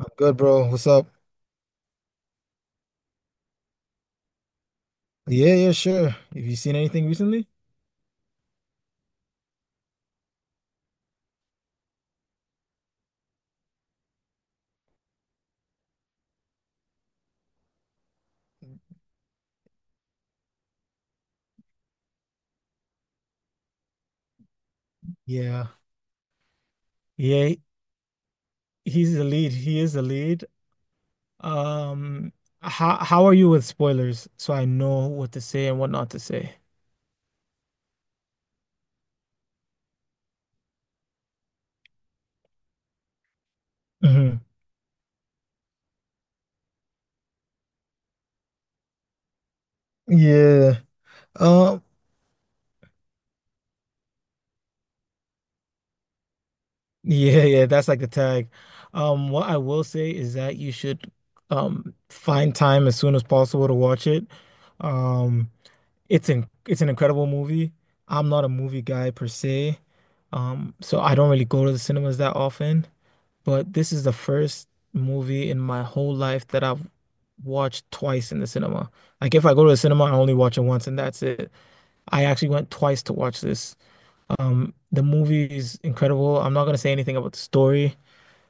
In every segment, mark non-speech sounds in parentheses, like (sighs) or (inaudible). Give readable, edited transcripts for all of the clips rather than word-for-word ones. I'm good, bro. What's up? Yeah, yeah, sure. Have you seen anything recently? Yeah. Yeah, he's the lead. He is the lead. Um, how are you with spoilers? So I know what to say and what not to say. Hmm Yeah. Um, Yeah, yeah, that's like the tag. What I will say is that you should find time as soon as possible to watch it. Um, it's an incredible movie. I'm not a movie guy per se, so I don't really go to the cinemas that often. But this is the first movie in my whole life that I've watched twice in the cinema. Like if I go to the cinema, I only watch it once and that's it. I actually went twice to watch this. The movie is incredible. I'm not gonna say anything about the story,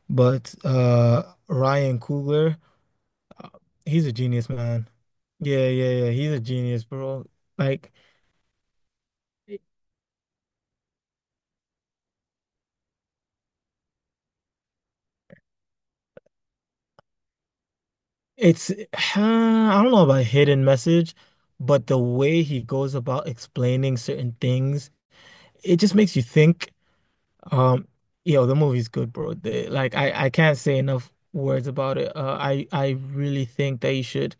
but Ryan Coogler, uh, he's a genius, man. Yeah, yeah, yeah. He's a genius, bro. Like. It's, (sighs) I don't know about hidden message, but the way he goes about explaining certain things, it just makes you think. Um, yo, the movie's good, bro. Like, I can't say enough words about it. I really think that you should,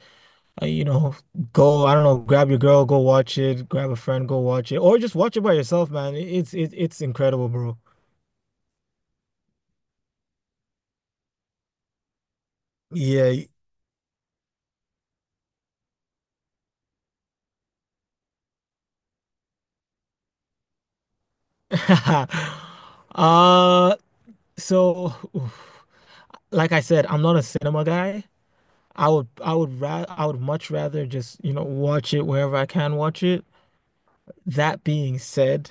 you know, go, I don't know, grab your girl, go watch it, grab a friend, go watch it, or just watch it by yourself, man. It's incredible, bro. Yeah. (laughs) Uh, so, (sighs) oof. Like I said, I'm not a cinema guy. I would much rather just, you know, watch it wherever I can watch it. That being said,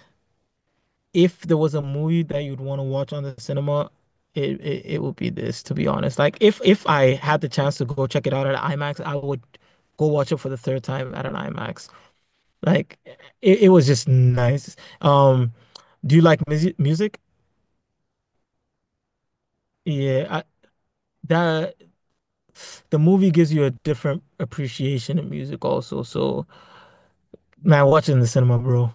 if there was a movie that you'd want to watch on the cinema, it would be this, to be honest. Like if I had the chance to go check it out at IMAX, I would go watch it for the third time at an IMAX. Like it was just nice. Um, do you like music music? Yeah, I, that the movie gives you a different appreciation of music also. So, man, watch it in the cinema, bro.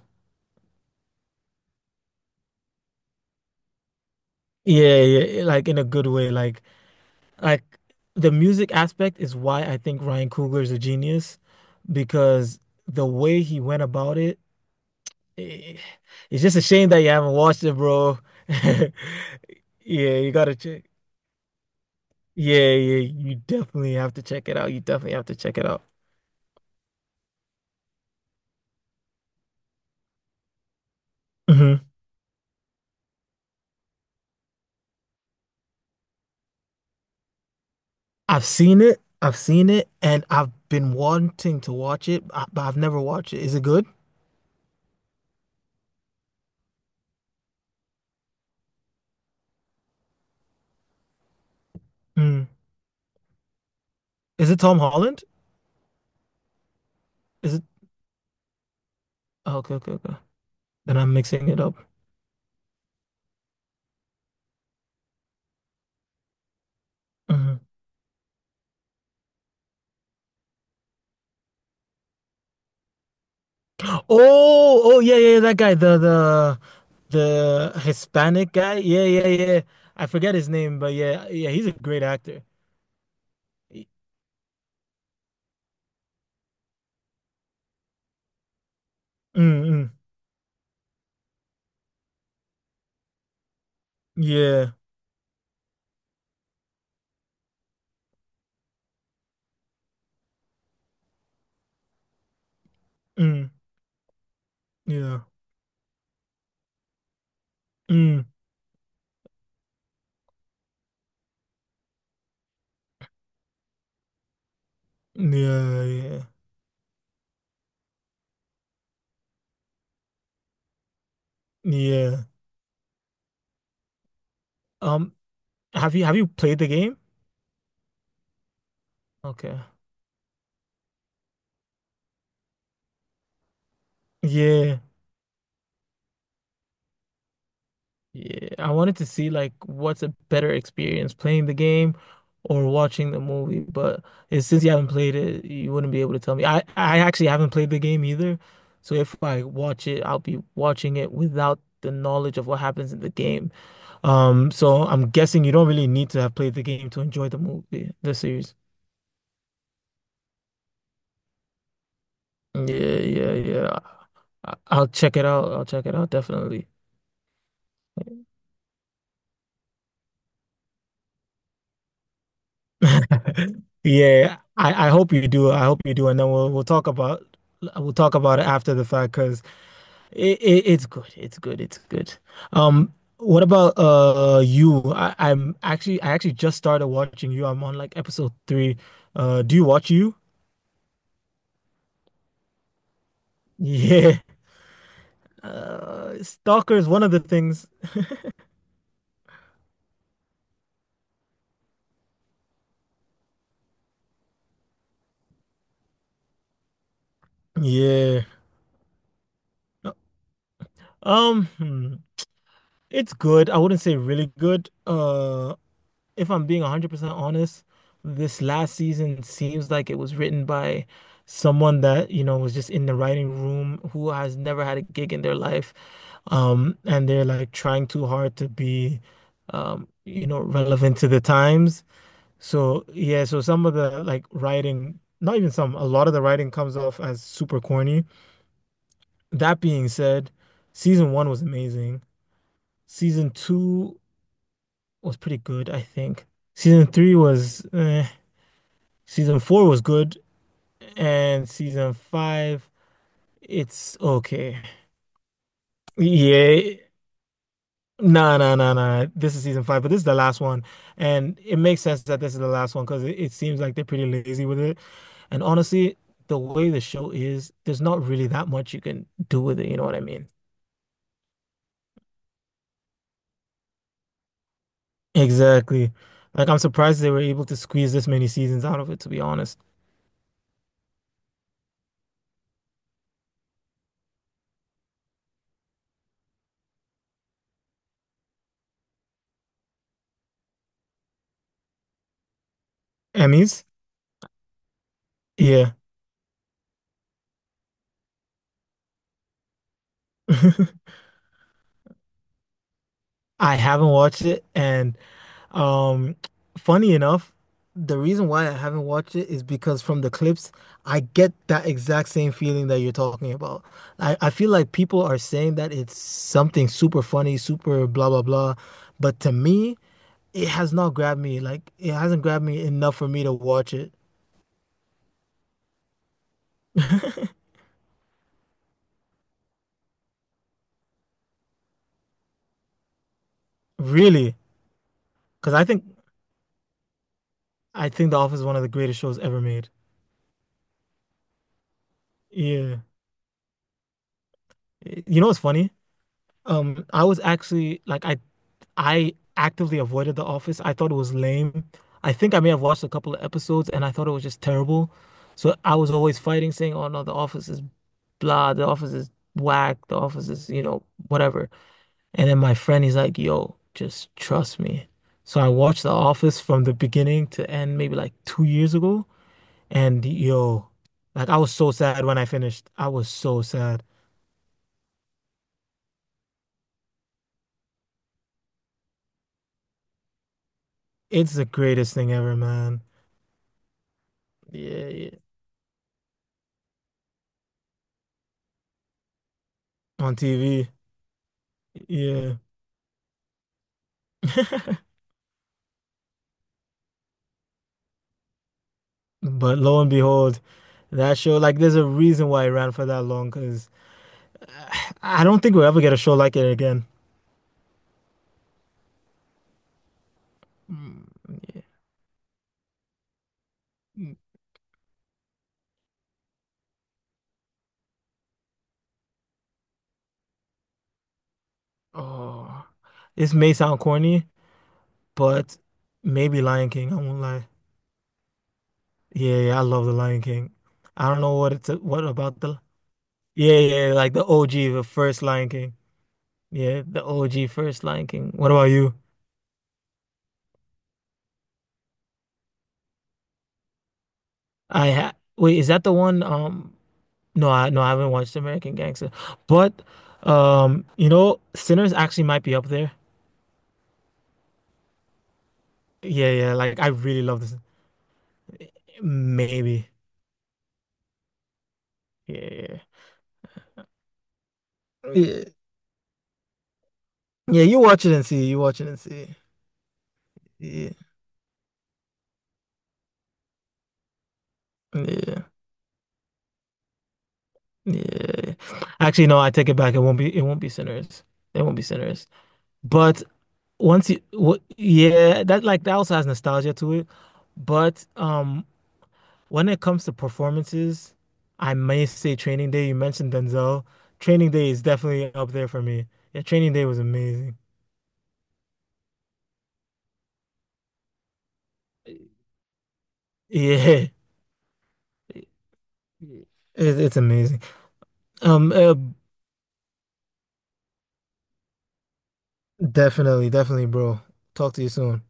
Yeah, yeah, yeah, like in a good way. Like the music aspect is why I think Ryan Coogler is a genius because the way he went about it, eh, it's just a shame that you haven't watched it, bro. (laughs) Yeah, you gotta check. Yeah, yeah, you definitely have to check it out. You definitely have to check it out. Hmm I've seen it. I've seen it, and I've been wanting to watch it, but I've never watched it. Is it good? Mm. Is it Tom Holland? Is it? Oh, okay, okay, okay. Then I'm mixing it up. Mhm. Oh, oh yeah, yeah, yeah, that guy, the the Hispanic guy. Yeah, yeah, yeah. I forget his name, but yeah, yeah, he's a great actor. Y- Mm, mm, yeah, mm, yeah, mm, yeah, yeah, yeah. Um, have you played the game? Okay. Yeah. Yeah, I wanted to see like what's a better experience, playing the game or watching the movie. But since you haven't played it, you wouldn't be able to tell me. I actually haven't played the game either, so if I watch it, I'll be watching it without the knowledge of what happens in the game. So I'm guessing you don't really need to have played the game to enjoy the movie, the series. Yeah, yeah, yeah. I'll check it out. I'll check it out definitely. (laughs) Yeah, I hope you do. I hope you do, and then we'll talk about it after the fact because it's good. It's good. It's good. What about you? I actually just started watching you. I'm on like episode three. Do you watch you? (laughs) Yeah. Stalker is one of the things. Yeah. Um, hmm. It's good. I wouldn't say really good. If I'm being 100% honest, this last season seems like it was written by someone that, you know, was just in the writing room who has never had a gig in their life. And they're like trying too hard to be, you know, relevant to the times. So, yeah, so some of the like writing, not even some, a lot of the writing comes off as super corny. That being said, season one was amazing. Season two was pretty good, I think. Season three was eh. Season four was good, and season five, it's okay. Yeah, nah, nah, nah, nah. This is season five, but this is the last one, and it makes sense that this is the last one because it seems like they're pretty lazy with it. And honestly, the way the show is, there's not really that much you can do with it. You know what I mean? Exactly. Like I'm surprised they were able to squeeze this many seasons out of it, to be honest. Emmys? Yeah. (laughs) I haven't watched it, and Um, funny enough, the reason why I haven't watched it is because from the clips, I get that exact same feeling that you're talking about. I feel like people are saying that it's something super funny, super blah blah blah, but to me, it has not grabbed me. Like it hasn't grabbed me enough for me to watch it. Really, because I think The Office is one of the greatest shows ever made. Yeah. You know what's funny? I was actually like I actively avoided The Office. I thought it was lame. I think I may have watched a couple of episodes and I thought it was just terrible. So I was always fighting, saying, "Oh no, The Office is blah. The Office is whack. The Office is, you know, whatever." And then my friend, he's like, "Yo, just trust me." So I watched The Office from the beginning to end, maybe like 2 years ago, and yo, like I was so sad when I finished. I was so sad. It's the greatest thing ever, man. Yeah, yeah. On TV. Yeah. (laughs) But lo and behold, that show, like, there's a reason why it ran for that long, because (sighs) I don't think we'll ever get a show like it again. Mm. Oh, this may sound corny, but maybe Lion King. I won't lie. Yeah, yeah, I love the Lion King. I don't know what about the. Yeah, yeah, yeah, like the OG, the first Lion King. Yeah, the OG first Lion King. What about you? I ha wait, is that the one? No, I haven't watched American Gangster, but you know, Sinners actually might be up there. Yeah, yeah, like I really love this. Maybe, yeah, yeah, yeah. Yeah, you watch it and see. You watch it and see. Yeah, yeah, yeah. Actually, no, I take it back. It won't be. It won't be Sinners. It won't be Sinners. But once you, what, yeah, that like that also has nostalgia to it. But when it comes to performances, I may say Training Day. You mentioned Denzel. Training Day is definitely up there for me. Yeah, Training Day was amazing. Yeah, it, it's amazing. Um, uh, definitely, definitely, bro. Talk to you soon.